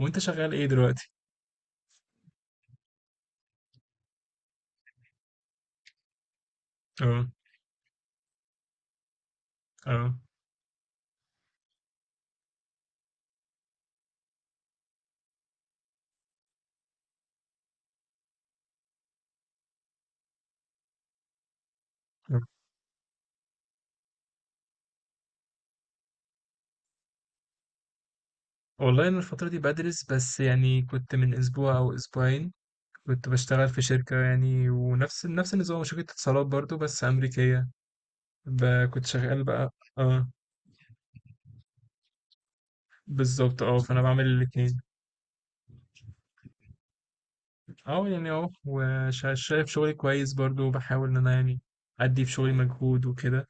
وانت شغال ايه دلوقتي؟ اه. اه. آه. والله انا الفترة دي بدرس، بس يعني كنت من اسبوع او اسبوعين كنت بشتغل في شركة، يعني ونفس نفس النظام، شركة اتصالات برضو بس امريكية. كنت شغال بقى. اه، بالظبط، اه، فانا بعمل الاتنين. اه، يعني وشايف شغلي كويس برضو، وبحاول ان انا يعني ادي في شغلي مجهود وكده،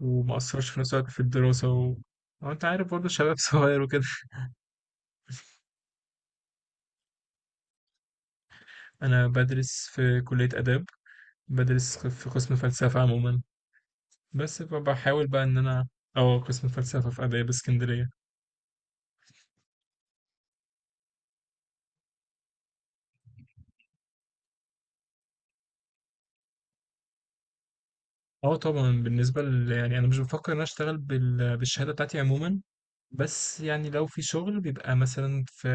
وما اثرش في نفس الوقت في الدراسة. اه انت عارف برضو، شباب صغير وكده. انا بدرس في كلية اداب، بدرس في قسم فلسفة عموما، بس فبحاول بقى ان انا، اه قسم فلسفه في اداب اسكندريه. اه، طبعا بالنسبه يعني انا مش بفكر ان انا اشتغل بالشهاده بتاعتي عموما. بس يعني لو في شغل بيبقى مثلا في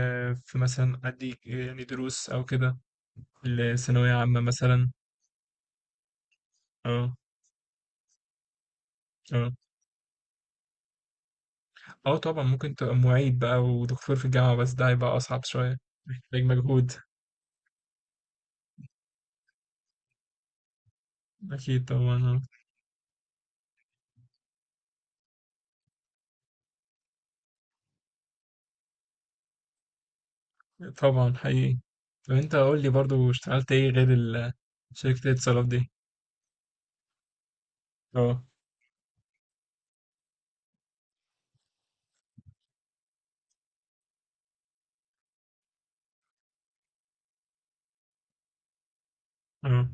في مثلا ادي يعني دروس او كده لثانويه عامه مثلا. اه. اه. اه، طبعا ممكن تبقى معيد بقى ودكتور في الجامعه، بس ده هيبقى اصعب شويه. محتاج مجهود اكيد طبعا. آه. طبعا حقيقي. طب انت قول لي برضو اشتغلت ايه غير شركه الاتصالات دي؟ اه. اه.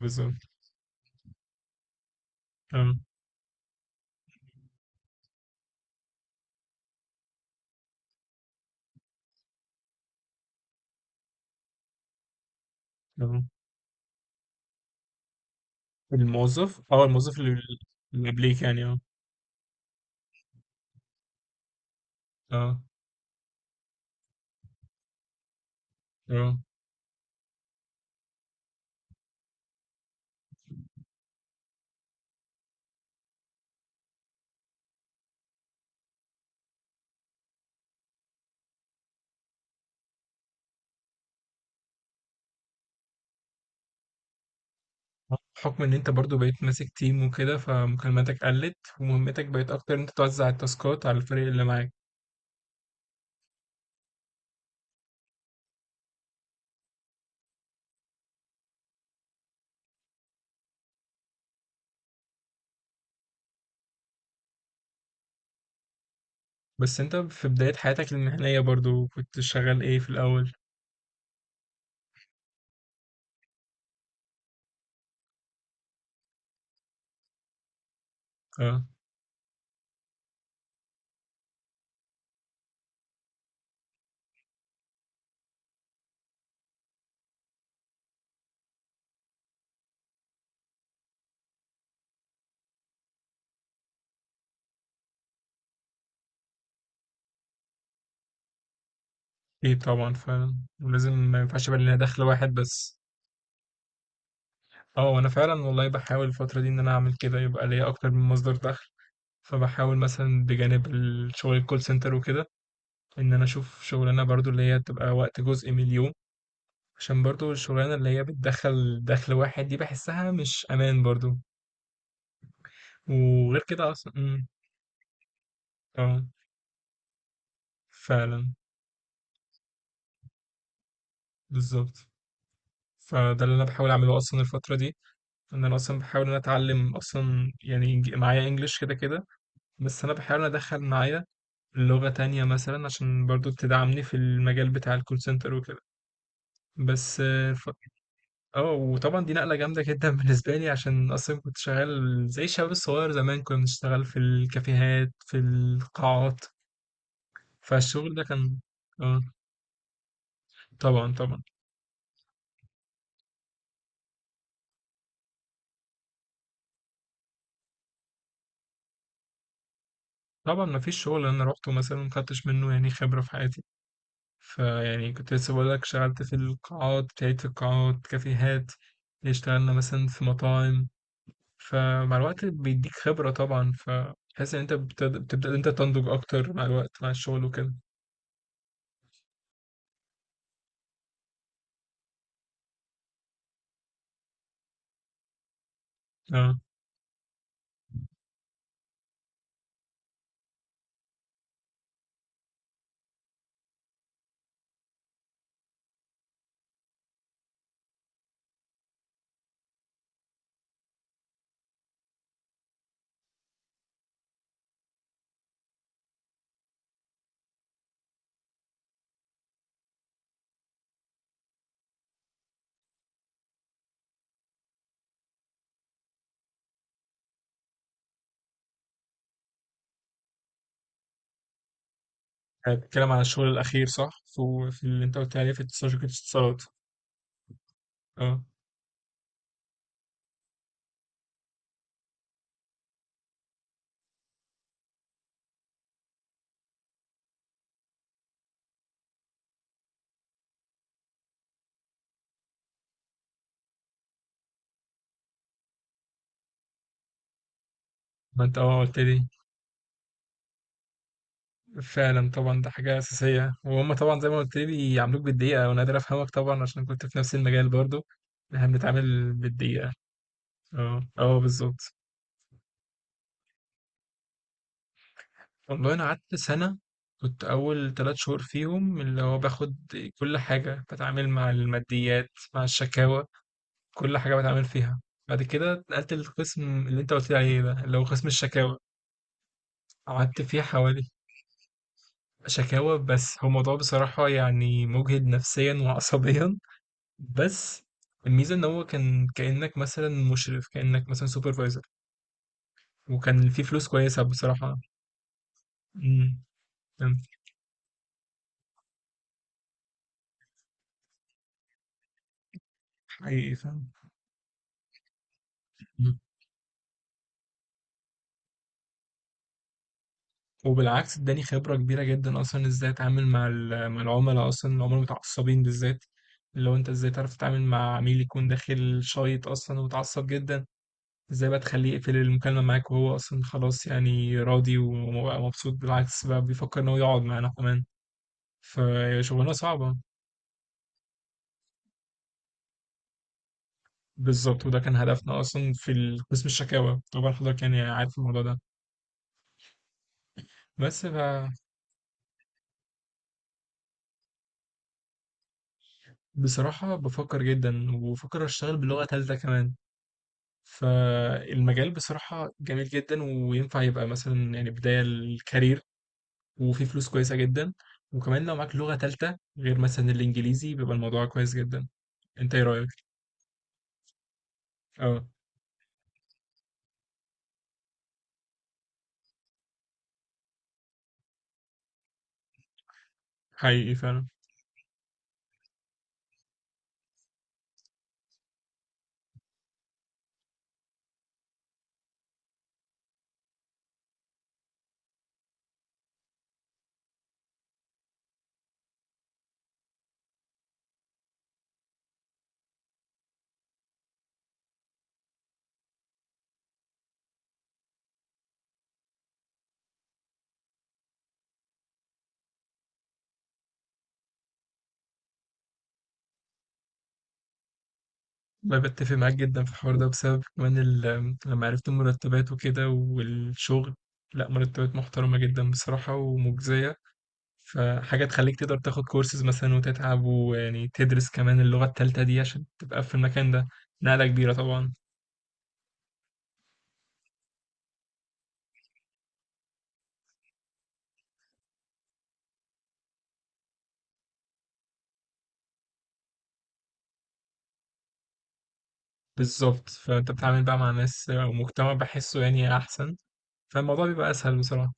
بالظبط. اه. اه. الموظف اللي قبليك يعني. اه. اه. اه، بحكم ان انت برضو بقيت ماسك تيم وكده، فمكالماتك قلت ومهمتك بقت اكتر ان انت توزع التاسكات على الفريق اللي معاك. بس انت في بداية حياتك المهنية برضو كنت شغال ايه في الاول؟ اه، ايه طبعا فعلا. ولازم ما ينفعش يبقى لنا دخل واحد بس. اه، انا فعلا والله بحاول الفترة دي ان انا اعمل كده، يبقى ليا اكتر من مصدر دخل، فبحاول مثلا بجانب الشغل الكول سنتر وكده ان انا اشوف شغلانه برضو اللي هي تبقى وقت جزء من اليوم، عشان برضو الشغلانه اللي هي بتدخل دخل واحد دي بحسها مش امان برضو. وغير كده اصلا. امم. اه، فعلا. بالظبط. فده اللي انا بحاول اعمله اصلا الفتره دي، ان انا اصلا بحاول ان أنا اتعلم، اصلا يعني معايا انجليش كده كده. بس انا بحاول إن أنا ادخل معايا لغه تانية مثلا، عشان برضو تدعمني في المجال بتاع الكول سنتر وكده. بس. اه، وطبعا دي نقله جامده جدا بالنسبه لي، عشان اصلا كنت شغال زي الشباب الصغير زمان، كنا بنشتغل في الكافيهات في القاعات، فالشغل ده كان. اه. طبعا طبعا. طبعا ما فيش شغل انا روحته مثلا ما خدتش منه يعني خبره في حياتي. فيعني كنت لسه بقول لك شغلت في القاعات، ابتديت في القاعات، كافيهات، اشتغلنا مثلا في مطاعم، فمع الوقت بيديك خبره طبعا، فتحس ان انت بتبدا إن انت تنضج اكتر مع الوقت، مع الشغل وكده. اه، هتتكلم عن الشغل الأخير صح؟ في, اللي أنت قلت عليه في شركة الاتصالات. أه. ما أنت قلت لي. فعلا طبعا ده حاجة أساسية، وهم طبعا زي ما قلت لي بيعاملوك بالدقيقة، وأنا قادر أفهمك طبعا عشان كنت في نفس المجال برضو. إحنا بنتعامل بالدقيقة. أه. أه، بالظبط. والله أنا قعدت سنة. كنت أول تلات شهور فيهم اللي هو باخد كل حاجة، بتعامل مع الماديات، مع الشكاوى، كل حاجة بتعامل فيها. بعد كده اتنقلت للقسم اللي أنت قلت لي عليه ده اللي هو قسم الشكاوى. قعدت فيه حوالي. شكاوى بس، هو الموضوع بصراحة يعني مجهد نفسيًا وعصبيًا، بس الميزة إن هو كان كإنّك مثلًا مشرف، كإنّك مثلًا supervisor، وكان في فلوس كويسة بصراحة. إمم، كان حقيقي فعلًا. إمم، وبالعكس ادّاني خبرة كبيرة جدًا أصلًا إزاي أتعامل مع ال مع العملا أصلًا، العملا المتعصبين بالذات، اللي هو أنت إزاي تعرف تتعامل مع عميل يكون داخل شايط أصلًا ومتعصب جدًا. ازاي بقى تخليه يقفل المكالمة معاك وهو أصلا خلاص يعني راضي وبقى مبسوط، بالعكس بقى بيفكر إن هو يقعد معانا كمان. فشغلانة صعبة. بالظبط، وده كان هدفنا أصلا في قسم الشكاوى طبعا، حضرتك يعني عارف الموضوع ده. بس بصراحة بفكر جدا، وبفكر أشتغل بلغة تالتة كمان. فالمجال بصراحة جميل جدا وينفع يبقى مثلا يعني بداية الكارير. وفي فلوس كويسة جدا. وكمان لو معاك لغة تالتة غير مثلا الإنجليزي بيبقى الموضوع كويس جدا. أنت إيه رأيك؟ اه، حقيقي فعلا. انا بتفق معاك جدا في الحوار ده بسبب كمان لما عرفت المرتبات وكده والشغل. لا، مرتبات محترمة جدا بصراحة ومجزية. فحاجة تخليك تقدر تاخد كورسز مثلا وتتعب، ويعني تدرس كمان اللغة التالتة دي عشان تبقى في المكان ده. نقلة كبيرة طبعا. بالظبط، فانت بتتعامل بقى مع ناس ومجتمع بحسه يعني احسن. فالموضوع بيبقى اسهل بصراحة.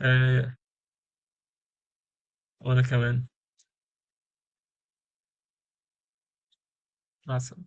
آه، وانا كمان. مع السلامة.